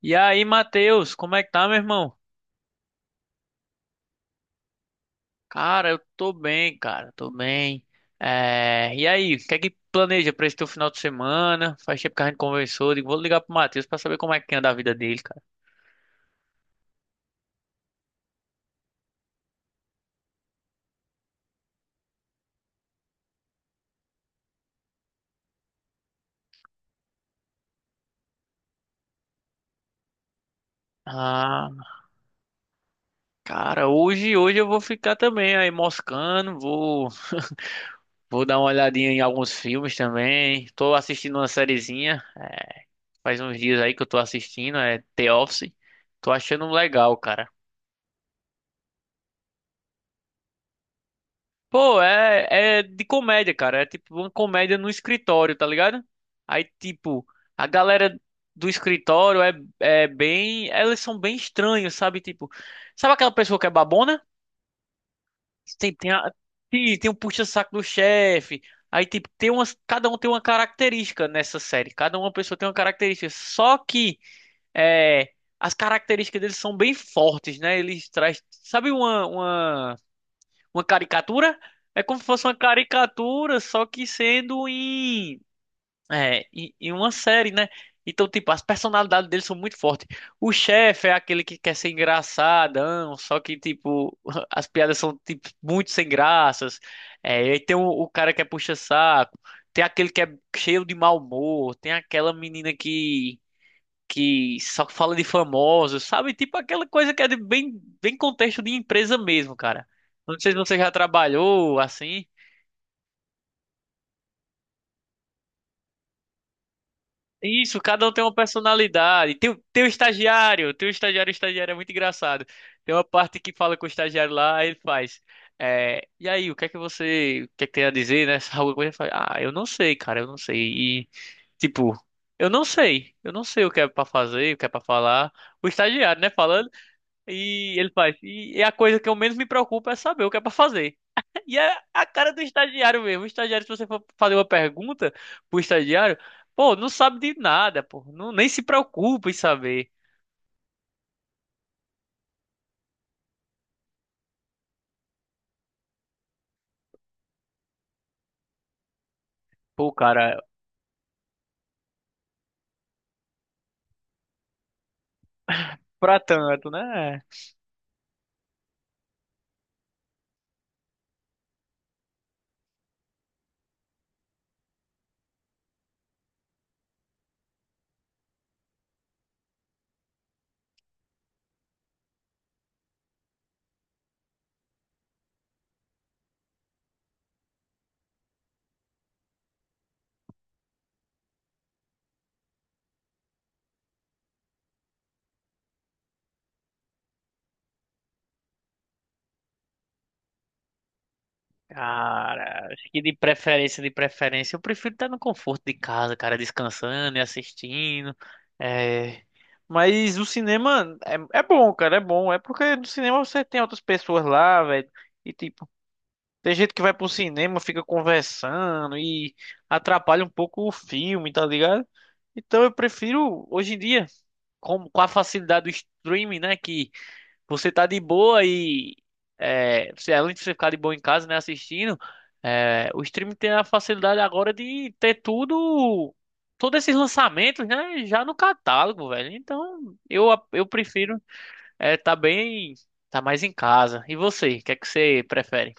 E aí, Matheus, como é que tá, meu irmão? Cara, eu tô bem, cara, tô bem. E aí, o que é que planeja pra esse teu final de semana? Faz tempo que a gente conversou, digo, vou ligar pro Matheus pra saber como é que anda a vida dele, cara. Ah, cara, hoje eu vou ficar também aí moscando, vou dar uma olhadinha em alguns filmes também. Tô assistindo uma sériezinha, faz uns dias aí que eu tô assistindo, é The Office. Tô achando legal, cara. Pô, é de comédia, cara. É tipo uma comédia no escritório, tá ligado? Aí, tipo, a galera do escritório é bem. Elas são bem estranhos, sabe? Tipo, sabe aquela pessoa que é babona? Tem, tem, a, tem um puxa-saco do chefe. Aí, tipo, tem umas, cada um tem uma característica nessa série. Cada uma pessoa tem uma característica. Só que é, as características deles são bem fortes, né? Eles trazem. Sabe uma uma caricatura? É como se fosse uma caricatura, só que sendo em em uma série, né? Então, tipo, as personalidades deles são muito fortes. O chefe é aquele que quer ser engraçadão, só que, tipo, as piadas são, tipo, muito sem graças. É, e aí tem o cara que é puxa-saco, tem aquele que é cheio de mau humor, tem aquela menina que só fala de famosos, sabe? Tipo aquela coisa que é de bem contexto de empresa mesmo, cara. Não sei se você já trabalhou assim. Isso, cada um tem uma personalidade. Tem o estagiário é muito engraçado. Tem uma parte que fala com o estagiário lá, aí ele faz. E aí, o que é que tem a dizer, né? Alguma coisa, ele fala, ah, eu não sei, cara, eu não sei. E, tipo, eu não sei, eu não sei o que é pra fazer, o que é pra falar. O estagiário, né, falando. E ele faz. E é a coisa que eu menos me preocupo é saber o que é pra fazer. E é a cara do estagiário mesmo. O estagiário, se você for fazer uma pergunta pro estagiário, pô, não sabe de nada, pô. Não, nem se preocupa em saber. Pô, cara, pra tanto, né? Cara, acho que de preferência, eu prefiro estar no conforto de casa, cara, descansando e assistindo. É. Mas o cinema é bom, cara, é bom. É porque no cinema você tem outras pessoas lá, velho. E tipo, tem gente que vai pro cinema, fica conversando e atrapalha um pouco o filme, tá ligado? Então eu prefiro, hoje em dia, com a facilidade do streaming, né? Que você tá de boa e você, além de você ficar de boa em casa, né, assistindo, o streaming tem a facilidade agora de ter tudo, todos esses lançamentos, né? Já no catálogo, velho. Eu prefiro tá bem, tá mais em casa. E você, o que é que você prefere?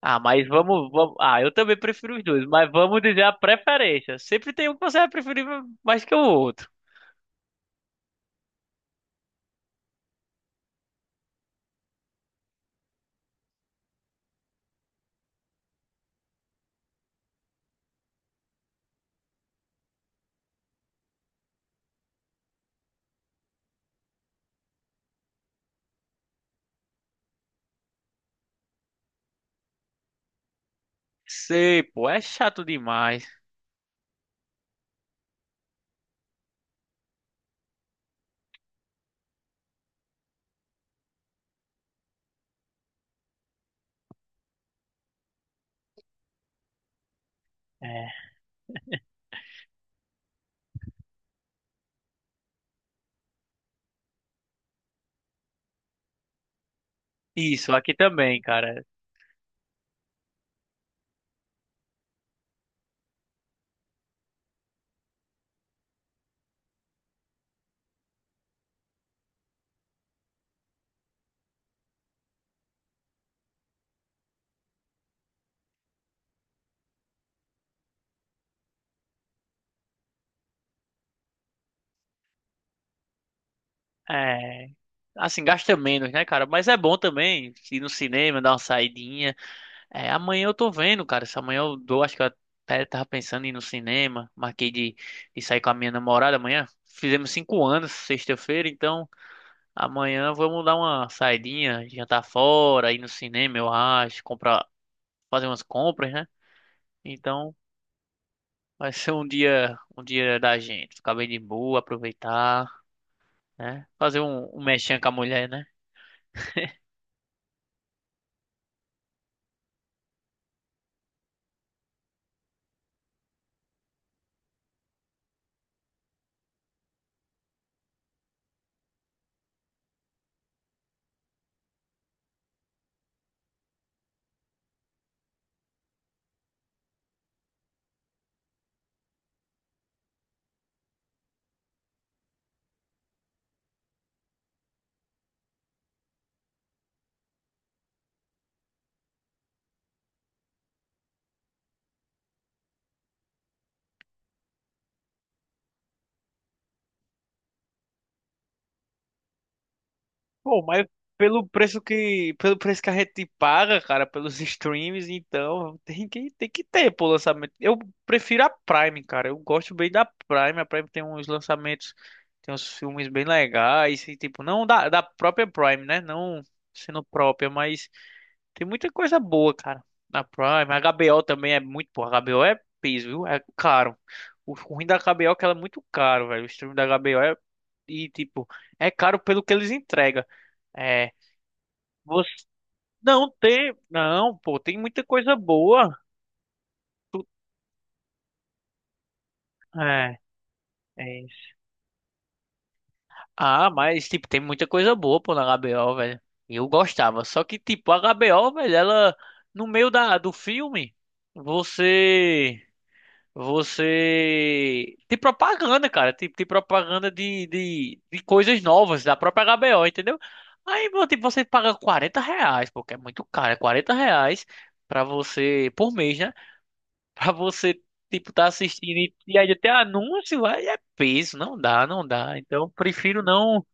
Ah, mas vamos, vamos. Ah, eu também prefiro os dois, mas vamos dizer a preferência. Sempre tem um que você vai preferir mais que o outro. Sei, pô, é chato demais. É. Isso, aqui também, cara. É. Assim, gasta menos, né, cara? Mas é bom também ir no cinema, dar uma saidinha. É, amanhã eu tô vendo, cara. Se amanhã eu dou, acho que eu até tava pensando em ir no cinema. Marquei de sair com a minha namorada amanhã. Fizemos 5 anos, sexta-feira, então. Amanhã vamos dar uma saidinha, jantar fora, ir no cinema, eu acho, comprar, fazer umas compras, né? Então vai ser um um dia da gente, ficar bem de boa, aproveitar, né? Fazer um mexinha com a mulher, né? Pô, mas pelo preço que a gente paga, cara, pelos streams, então tem que ter, pô, lançamento. Eu prefiro a Prime, cara. Eu gosto bem da Prime. A Prime tem uns lançamentos, tem uns filmes bem legais, e, tipo, não da própria Prime, né? Não sendo própria, mas. Tem muita coisa boa, cara. Na Prime, a HBO também é muito boa. A HBO é piso, viu? É caro. O ruim da HBO é que ela é muito caro, velho. O stream da HBO é. E, tipo, é caro pelo que eles entregam. É. Você não tem. Não, pô, tem muita coisa boa. Tu- é, é isso. Ah, mas, tipo, tem muita coisa boa, pô, na HBO, velho. Eu gostava. Só que, tipo, a HBO, velho, ela. No meio da, do filme, você. Você tem propaganda, cara. Tem, tem propaganda de coisas novas da própria HBO, entendeu? Aí, meu, tipo, você paga R$ 40, porque é muito caro, é R$ 40 pra você, por mês, né? Pra você, tipo, tá assistindo e aí até anúncio, aí é peso, não dá, não dá. Então,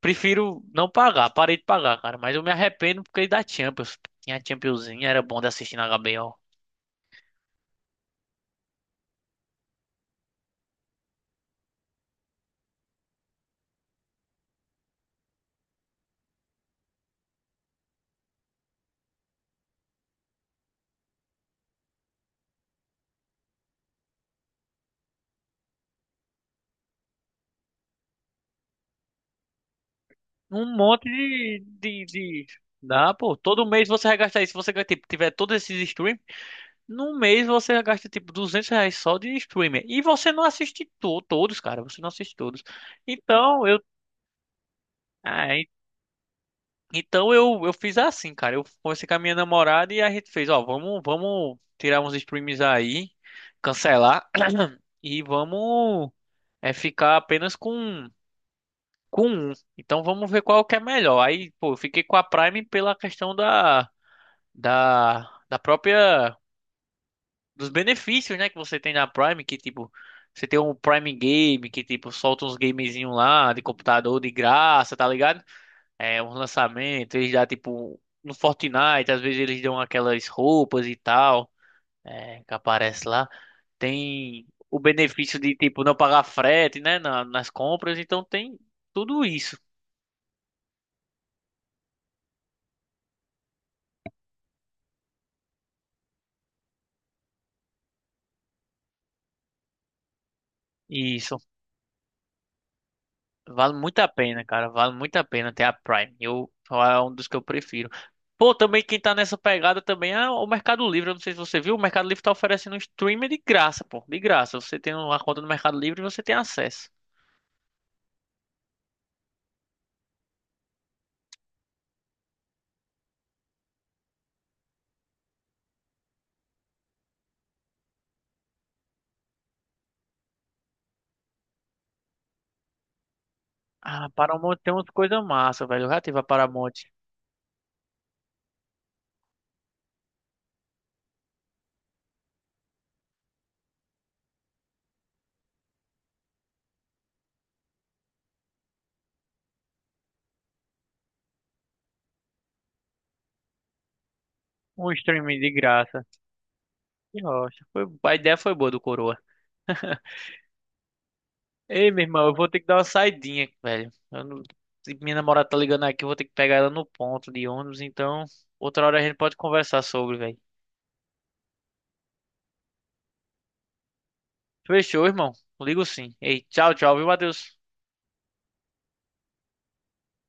prefiro não pagar, parei de pagar, cara. Mas eu me arrependo porque da Champions. Tinha a Championzinha, era bom de assistir na HBO. Um monte de, de... dá, pô. Todo mês você vai gastar isso. Se você tipo, tiver todos esses streams, num mês você gasta tipo R$ 200 só de streamer. E você não assiste to todos, cara. Você não assiste todos. Então eu, ah, en- então eu fiz assim, cara. Eu comecei com a minha namorada e a gente fez, ó, vamos tirar uns streams aí, cancelar e vamos ficar apenas com um. Então vamos ver qual que é melhor. Aí, pô, eu fiquei com a Prime pela questão da, da própria dos benefícios, né, que você tem na Prime, que tipo, você tem um Prime Game que tipo solta uns gamezinhos lá de computador de graça, tá ligado? É, um lançamento, eles dá tipo no Fortnite, às vezes eles dão aquelas roupas e tal, é, que aparece lá. Tem o benefício de tipo não pagar frete, né, na- nas compras, então tem tudo isso. Isso. Vale muito a pena, cara. Vale muito a pena ter a Prime. Eu, é um dos que eu prefiro. Pô, também quem tá nessa pegada também é o Mercado Livre. Eu não sei se você viu, o Mercado Livre tá oferecendo um streaming de graça, pô. De graça. Você tem uma conta no Mercado Livre e você tem acesso. Ah, Paramount tem umas coisas massa, velho. Eu já tive a Paramount. Um streaming de graça. Que rocha. Foi, a ideia foi boa do Coroa. Ei, meu irmão, eu vou ter que dar uma saidinha, velho. Eu não- se minha namorada tá ligando aqui, eu vou ter que pegar ela no ponto de ônibus, então outra hora a gente pode conversar sobre, velho. Fechou, irmão. Ligo sim. Ei, tchau, tchau, viu, Matheus?